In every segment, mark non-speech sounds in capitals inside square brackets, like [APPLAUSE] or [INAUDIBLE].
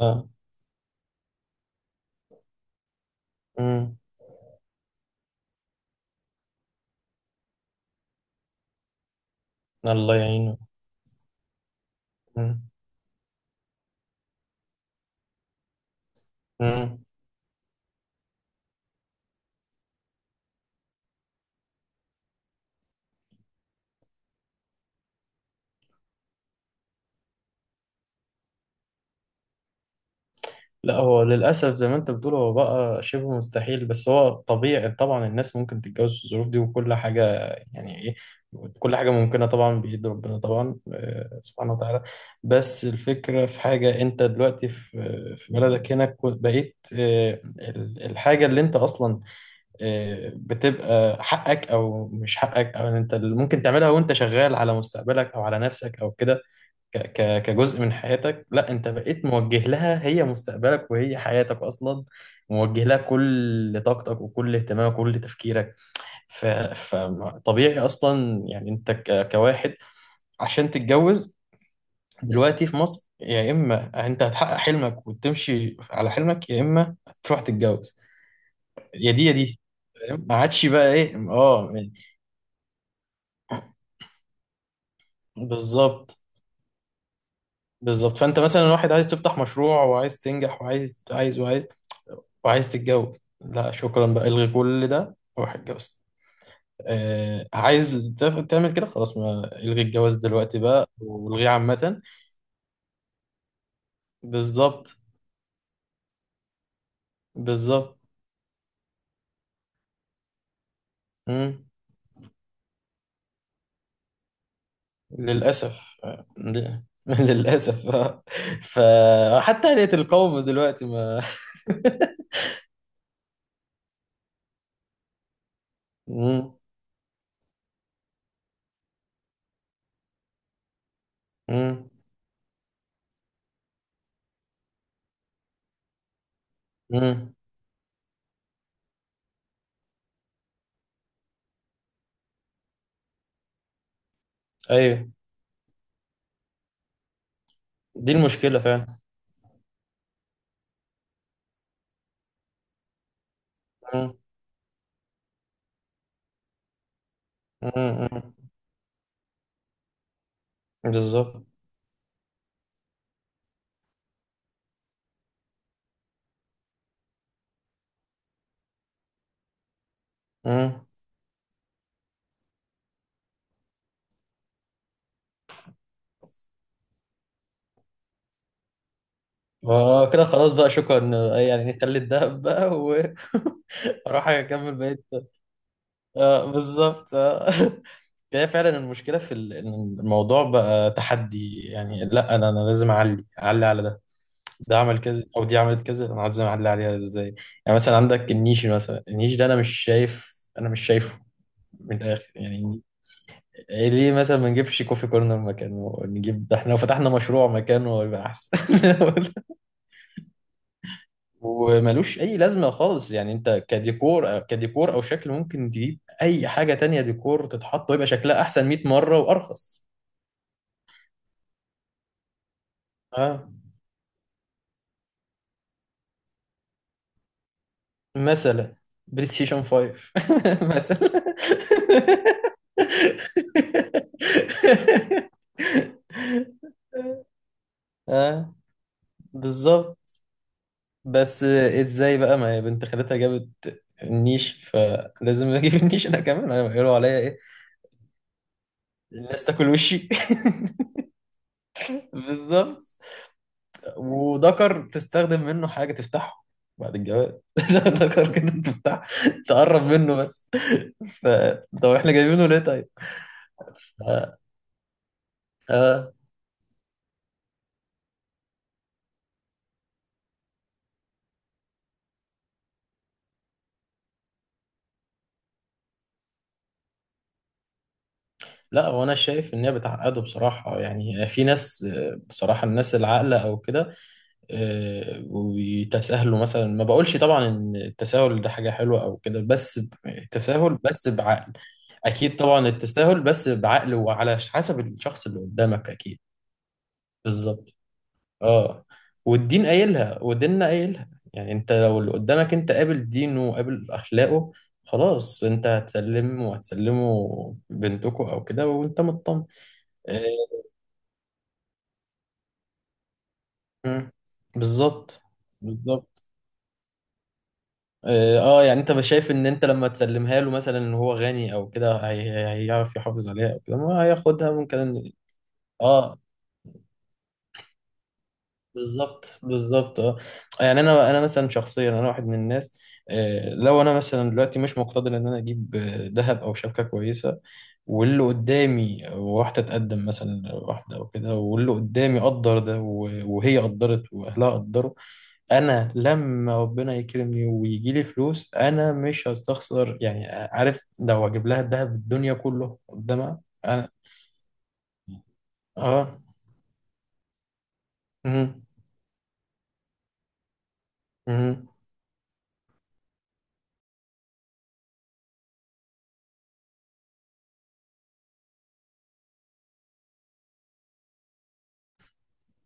اه. امم الله يعينه. امم امم لا، هو للأسف زي ما أنت بتقول هو بقى شبه مستحيل، بس هو طبيعي طبعا، الناس ممكن تتجوز في الظروف دي وكل حاجة. يعني إيه، كل حاجة ممكنة طبعا بإيد ربنا طبعا، سبحانه وتعالى. بس الفكرة في حاجة، أنت دلوقتي في بلدك هنا، بقيت الحاجة اللي أنت أصلا بتبقى حقك أو مش حقك، أو أنت اللي ممكن تعملها وأنت شغال على مستقبلك أو على نفسك أو كده، ك ك كجزء من حياتك. لا، انت بقيت موجه لها، هي مستقبلك وهي حياتك اصلا، موجه لها كل طاقتك وكل اهتمامك وكل تفكيرك. ف فطبيعي اصلا، يعني انت كواحد عشان تتجوز دلوقتي في مصر، يا اما انت هتحقق حلمك وتمشي على حلمك، يا اما تروح تتجوز، يا دي يا دي. فاهم؟ ما عادش بقى ايه، اه. بالظبط بالظبط. فانت مثلا واحد عايز تفتح مشروع، وعايز تنجح، وعايز عايز وعايز، وعايز تتجوز. لا شكرا، بقى الغي كل ده وروح اتجوز. عايز تعمل كده، خلاص ما الغي الجواز دلوقتي بقى، والغيه عامة. بالظبط بالظبط. مم. للأسف، [LAUGHS] للأسف. فحتى آلية القوم دلوقتي ما... [LAUGHS] مم. مم. مم. أيوه، دي المشكلة فعلا. مم. مم. مم. بالظبط. مم. كده خلاص بقى شكرا، يعني نخلي الدهب بقى واروح [LAUGHS] اكمل بقية. بالظبط. [LAUGHS] هي فعلا المشكلة في إن الموضوع بقى تحدي، يعني لا انا لازم اعلي اعلي على ده، ده عمل كذا او دي عملت كذا، انا لازم اعلي عليها ازاي. يعني مثلا عندك النيش، مثلا النيش ده انا مش شايف، انا مش شايفه من الاخر يعني. إيه، ليه مثلا ما نجيبش كوفي كورنر مكانه؟ نجيب ده، احنا لو فتحنا مشروع مكانه هيبقى احسن. [LAUGHS] وملوش اي لازمه خالص، يعني انت كديكور كديكور او شكل، ممكن تجيب اي حاجه تانية ديكور تتحط ويبقى شكلها احسن 100 مره وارخص. اه، مثلا بلاي ستيشن 5، [LAUGHS] مثلا. اه، بالظبط. بس ازاي بقى، ما هي بنت خالتها جابت النيش فلازم اجيب النيش انا كمان، هيقولوا عليا ايه؟ الناس تاكل وشي. [LAUGHS] بالظبط. وذكر تستخدم منه حاجة تفتحه بعد الجواز، [LAUGHS] ذكر كده تفتح تقرب منه بس. [LAUGHS] ف... طب احنا جايبينه ليه طيب؟ آه. آه. لا، وانا شايف ان هي بتعقده بصراحه، يعني في ناس، بصراحه الناس العاقله او كده، وبيتساهلوا مثلا. ما بقولش طبعا ان التساهل ده حاجه حلوه او كده، بس التساهل بس بعقل. اكيد طبعا، التساهل بس بعقل وعلى حسب الشخص اللي قدامك اكيد. بالظبط. اه، والدين قايلها وديننا قايلها، يعني انت لو اللي قدامك انت قابل دينه وقابل اخلاقه، خلاص انت هتسلم وهتسلمه بنتكو او كده وانت مطمن. آه، بالظبط بالظبط، اه. يعني انت شايف ان انت لما تسلمها له مثلا، ان هو غني او كده، هيعرف يحافظ عليها او كده، ما هياخدها ممكن. اه، بالظبط بالظبط، اه. يعني انا مثلا شخصيا، انا واحد من الناس، لو انا مثلا دلوقتي مش مقتدر ان انا اجيب ذهب او شبكه كويسه، واللي قدامي واحده تقدم مثلا واحده او كده، واللي قدامي قدر ده وهي قدرت واهلها قدروا، انا لما ربنا يكرمني ويجي لي فلوس انا مش هستخسر، يعني عارف، لو اجيب لها الذهب الدنيا كله قدامها. انا. اه. مم. مم.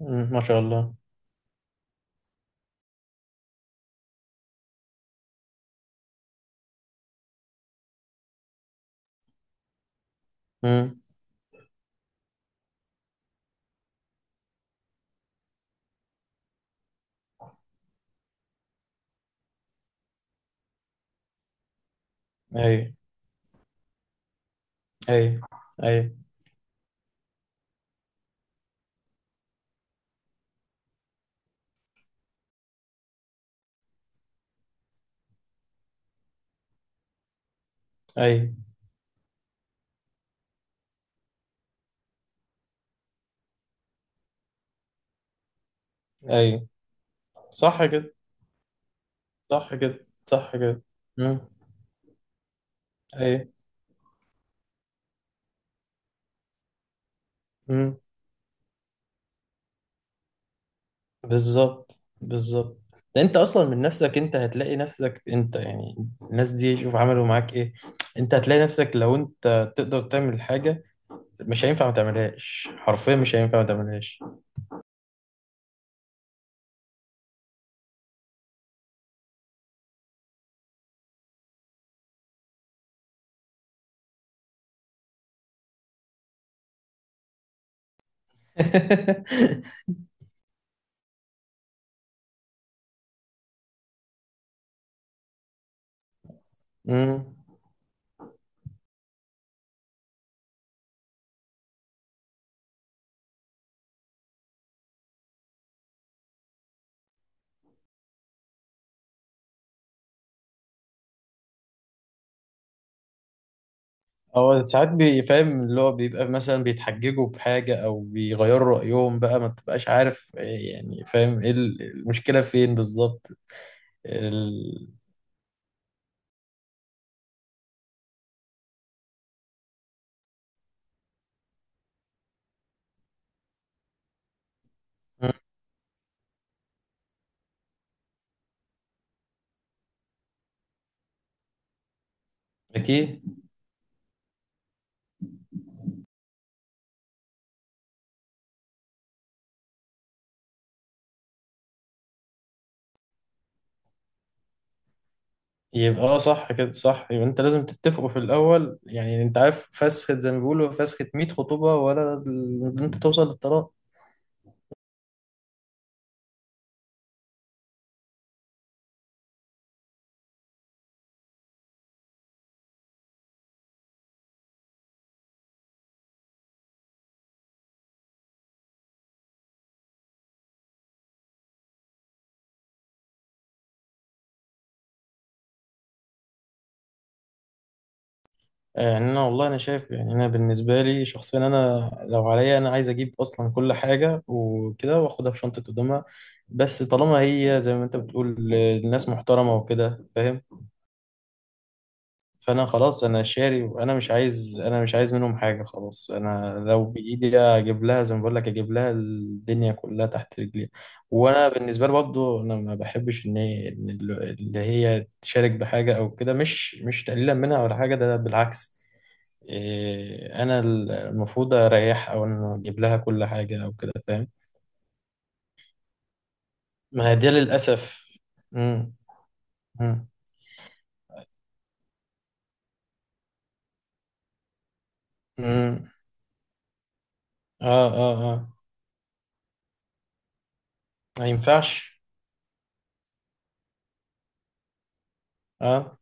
مم. ما شاء الله. امم. اي اي اي اي. صح كده، صح كده، صح كده. امم. اي. امم. بالظبط بالظبط. ده انت اصلا من نفسك، انت هتلاقي نفسك، انت يعني الناس دي شوف عملوا معاك ايه، انت هتلاقي نفسك لو انت تقدر تعمل حاجة مش هينفع ما تعملهاش، حرفيا مش هينفع ما تعملهاش. [LAUGHS] امم. هو ساعات بيفهم، اللي هو بيبقى مثلا بيتحججوا بحاجة أو بيغيروا رأيهم بقى، ما بتبقاش عارف إيه يعني، فاهم إيه المشكلة فين بالظبط. ال... مم. أكيد. يبقى اه، صح كده صح، يبقى أنت لازم تتفقوا في الأول، يعني أنت عارف فسخة، زي ما بيقولوا فسخة 100 خطوبة، ولا إن أنت توصل للطلاق. يعني، انا والله انا شايف، يعني انا بالنسبه لي شخصيا، انا لو عليا انا عايز اجيب اصلا كل حاجه وكده، واخدها في شنطه قدامها. بس طالما هي زي ما انت بتقول الناس محترمه وكده، فاهم، فانا خلاص انا شاري، وانا مش عايز، انا مش عايز منهم حاجه، خلاص انا لو بايدي اجيب لها زي ما بقول لك، اجيب لها الدنيا كلها تحت رجليها. وانا بالنسبه لي برضه انا ما بحبش ان هي، إن اللي هي تشارك بحاجه او كده، مش تقليلا منها ولا حاجه، ده بالعكس. إيه، انا المفروض اريح، او انا اجيب لها كل حاجه او كده، فاهم. ما هي دي للاسف. امم. امم. امم. اه. اه. اه، ما ينفعش. اه،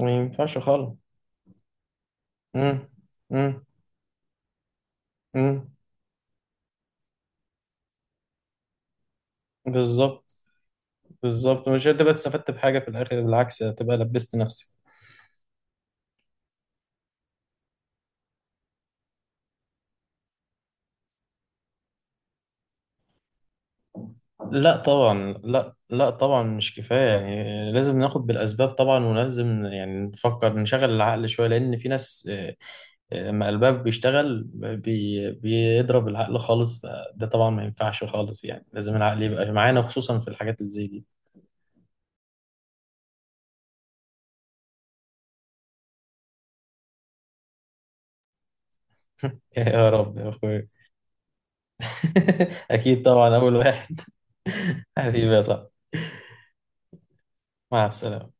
ما ينفعش خالص. امم. امم. امم. بالظبط بالظبط، مش هتبقى استفدت بحاجه في الاخر، بالعكس هتبقى لبست نفسك. لا طبعا، لا لا طبعا مش كفايه، يعني لازم ناخد بالاسباب طبعا، ولازم يعني نفكر نشغل العقل شويه، لان في ناس، لما قلبها بيشتغل بيضرب العقل خالص، فده طبعا ما ينفعش خالص، يعني لازم العقل يبقى معانا خصوصا في الحاجات اللي زي دي. [LAUGHS] يا رب يا اخويا. [LAUGHS] اكيد طبعا، اول واحد. [LAUGHS] حبيبي يا صاحبي. مع السلامه.